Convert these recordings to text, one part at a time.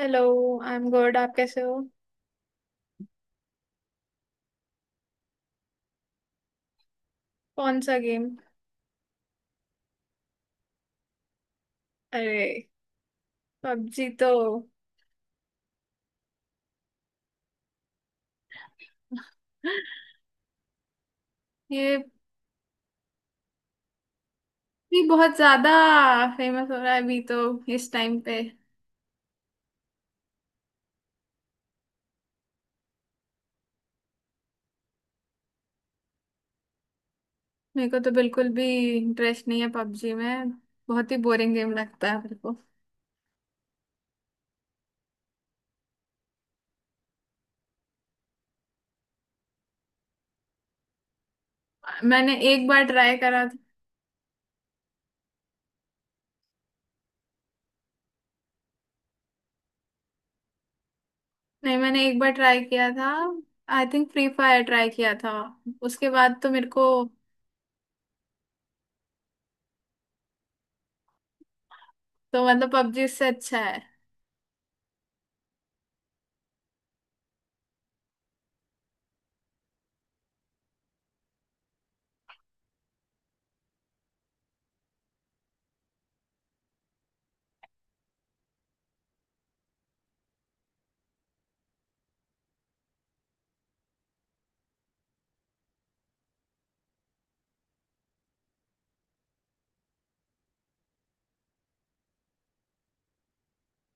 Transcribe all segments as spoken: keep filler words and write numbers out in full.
Hello. I am good, आप कैसे हो। कौन सा गेम। अरे पबजी तो ये भी बहुत ज्यादा फेमस हो रहा है अभी तो, इस टाइम पे। मेरे को तो बिल्कुल भी इंटरेस्ट नहीं है पबजी में। बहुत ही बोरिंग गेम लगता है मेरे को। मैंने एक बार ट्राई करा था। नहीं, मैंने एक बार ट्राई किया था। I think free fire try किया था। उसके बाद तो मेरे को, तो मतलब पबजी इससे अच्छा है।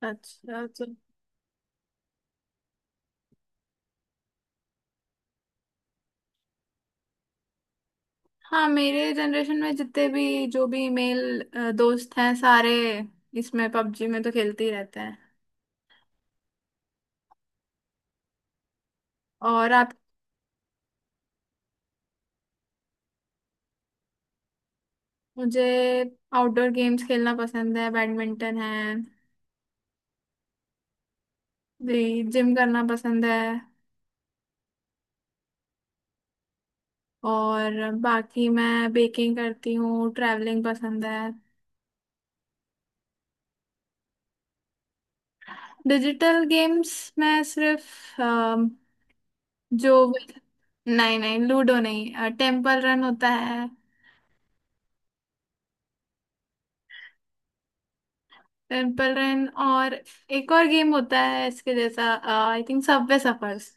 अच्छा तो हाँ, मेरे जनरेशन में जितने भी जो भी मेल दोस्त हैं सारे इसमें पबजी में तो खेलते ही रहते हैं। और आप। मुझे आउटडोर गेम्स खेलना पसंद है, बैडमिंटन है, जिम करना पसंद है। और बाकी मैं बेकिंग करती हूँ, ट्रैवलिंग पसंद है। डिजिटल गेम्स मैं सिर्फ अम, जो, नहीं नहीं लूडो नहीं, टेम्पल रन होता है। टेम्पल रन और एक और गेम होता है इसके जैसा, आई थिंक सबवे सफर्स।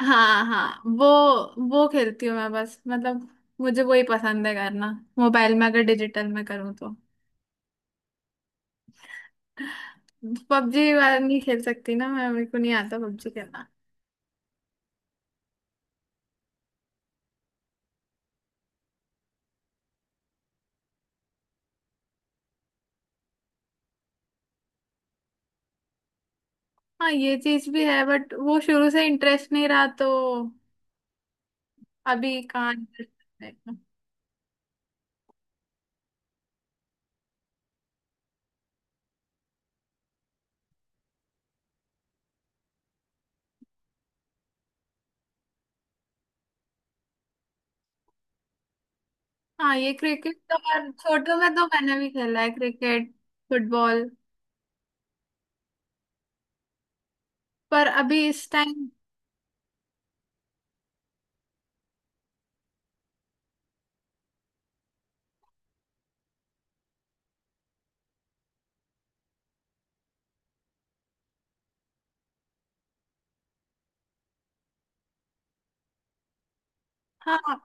हाँ हाँ, वो वो खेलती हूँ मैं बस, मतलब मुझे वही पसंद है करना। मोबाइल में अगर डिजिटल में करूँ तो। पबजी वाला नहीं खेल सकती ना मैं, मेरे को नहीं आता पबजी खेलना। हाँ ये चीज भी है, बट वो शुरू से इंटरेस्ट नहीं रहा तो अभी कहाँ interest रहेगा। हाँ, ये क्रिकेट तो मैं छोटों में तो मैंने भी खेला है, क्रिकेट, फुटबॉल। पर अभी इस टाइम। हाँ,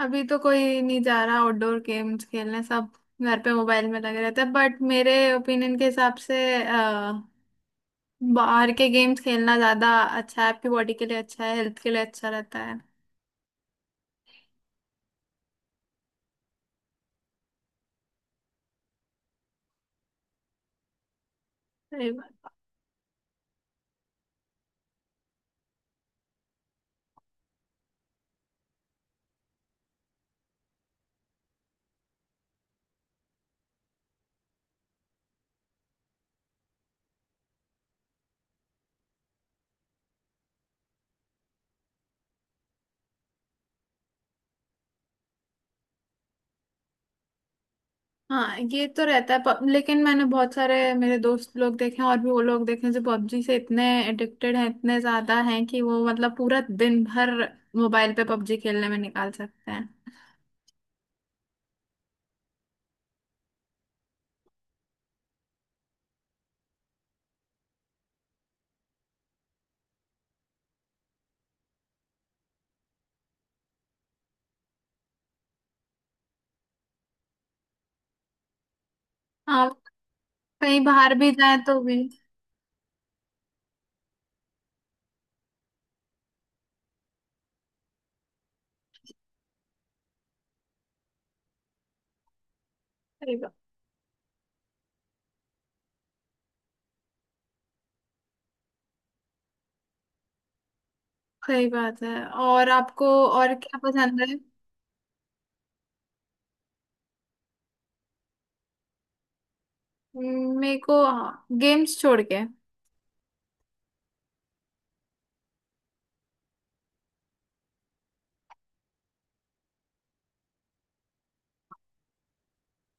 अभी तो कोई नहीं जा रहा आउटडोर गेम्स खेलने, सब घर पे मोबाइल में लगे रहते हैं। बट मेरे ओपिनियन के हिसाब से अ, बाहर के गेम्स खेलना ज्यादा अच्छा है, आपकी बॉडी के लिए अच्छा है, हेल्थ के लिए अच्छा रहता है। सही बात। हाँ ये तो रहता है, प- लेकिन मैंने बहुत सारे मेरे दोस्त लोग देखे हैं, और भी वो लोग देखे हैं जो पबजी से इतने एडिक्टेड हैं, इतने ज्यादा हैं कि वो मतलब पूरा दिन भर मोबाइल पे पबजी खेलने में निकाल सकते हैं। हाँ, कहीं बाहर भी जाए तो भी। सही बात है। और आपको और क्या पसंद है। हम्म, मेरे को गेम्स छोड़ के,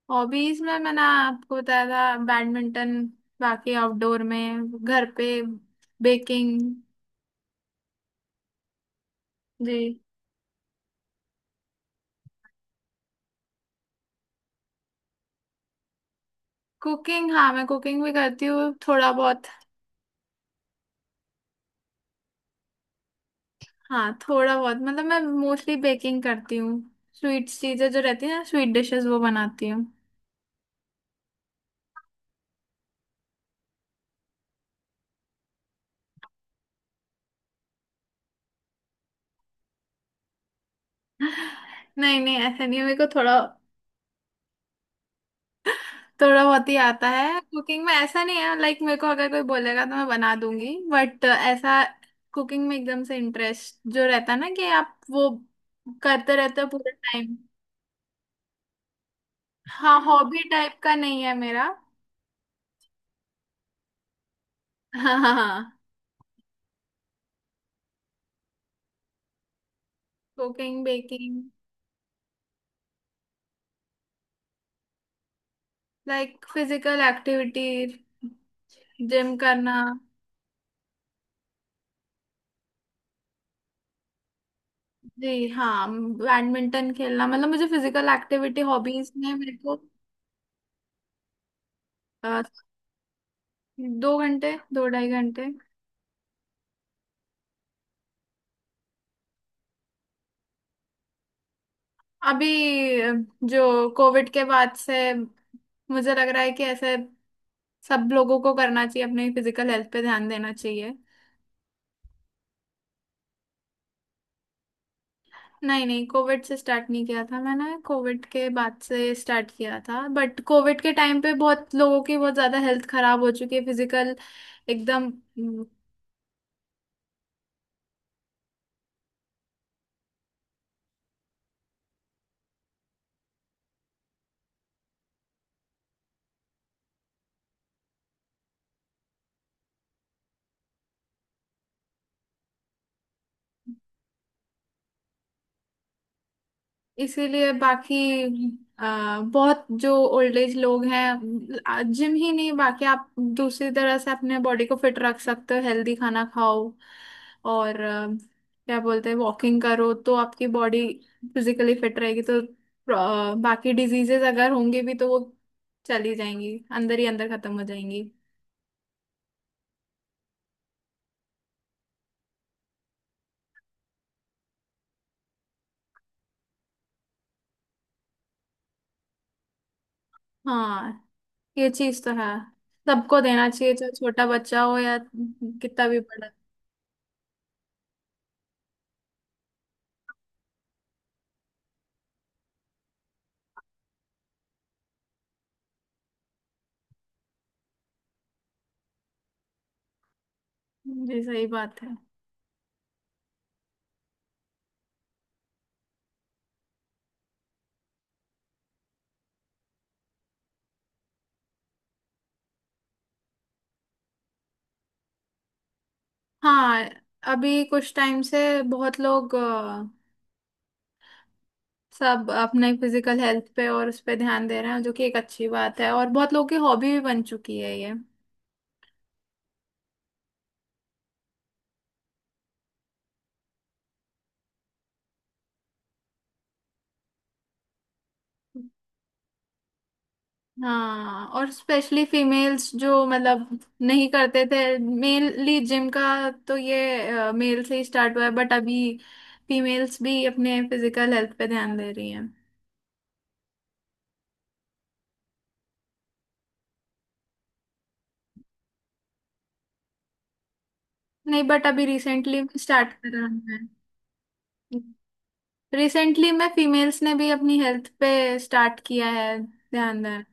हॉबीज में मैंने आपको बताया था बैडमिंटन, बाकी आउटडोर में, घर पे बेकिंग। जी। कुकिंग, हाँ मैं कुकिंग भी करती हूँ थोड़ा बहुत। हाँ थोड़ा बहुत, मतलब मैं मोस्टली बेकिंग करती हूँ। स्वीट चीजें जो रहती है ना, स्वीट डिशेस वो बनाती हूँ। नहीं नहीं, ऐसा नहीं है, मेरे को थोड़ा, थोड़ा बहुत ही आता है कुकिंग में, ऐसा नहीं है लाइक, मेरे को अगर कोई बोलेगा तो मैं बना दूंगी, बट ऐसा कुकिंग में एकदम से इंटरेस्ट जो रहता है ना कि आप वो करते रहते हो पूरे टाइम। हाँ, हॉबी टाइप का नहीं है मेरा। हाँ हाँ हाँ। Cooking baking. Like physical activity, gym करना। जी हाँ, बैडमिंटन खेलना, मतलब मुझे फिजिकल एक्टिविटी हॉबीज में मेरे को। अ, दो घंटे, दो ढाई घंटे। अभी जो कोविड के बाद से मुझे लग रहा है कि ऐसे सब लोगों को करना चाहिए, अपने फिजिकल हेल्थ पे ध्यान देना चाहिए। नहीं नहीं, कोविड से स्टार्ट नहीं किया था मैंने, कोविड के बाद से स्टार्ट किया था। बट कोविड के टाइम पे बहुत लोगों की बहुत ज्यादा हेल्थ खराब हो चुकी है, फिजिकल एकदम। इसीलिए बाकी आ, बहुत जो ओल्ड एज लोग हैं, जिम ही नहीं, बाकी आप दूसरी तरह से अपने बॉडी को फिट रख सकते हो। हेल्दी खाना खाओ और आ, क्या बोलते हैं वॉकिंग करो तो आपकी बॉडी फिजिकली फिट रहेगी। तो आ, बाकी डिजीजेस अगर होंगे भी तो वो चली जाएंगी, अंदर ही अंदर खत्म हो जाएंगी। हाँ ये चीज तो है, सबको देना चाहिए, चाहे छोटा बच्चा हो या कितना भी बड़ा। जी सही बात है। हाँ, अभी कुछ टाइम से बहुत लोग अ, सब अपने फिजिकल हेल्थ पे और उस पे ध्यान दे रहे हैं, जो कि एक अच्छी बात है, और बहुत लोगों की हॉबी भी बन चुकी है ये। हाँ, और स्पेशली फीमेल्स जो मतलब नहीं करते थे मेनली जिम का, तो ये मेल से ही स्टार्ट हुआ है, बट अभी फीमेल्स भी अपने फिजिकल हेल्थ पे ध्यान दे रही हैं। नहीं, बट अभी रिसेंटली स्टार्ट करा है। रिसेंटली मैं फीमेल्स ने भी अपनी हेल्थ पे स्टार्ट किया है ध्यान देना।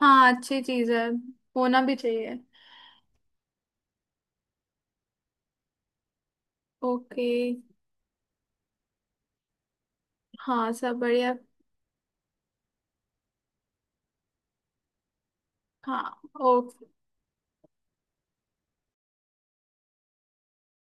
हाँ अच्छी चीज है, होना भी चाहिए। ओके। हाँ सब बढ़िया। हाँ ओके।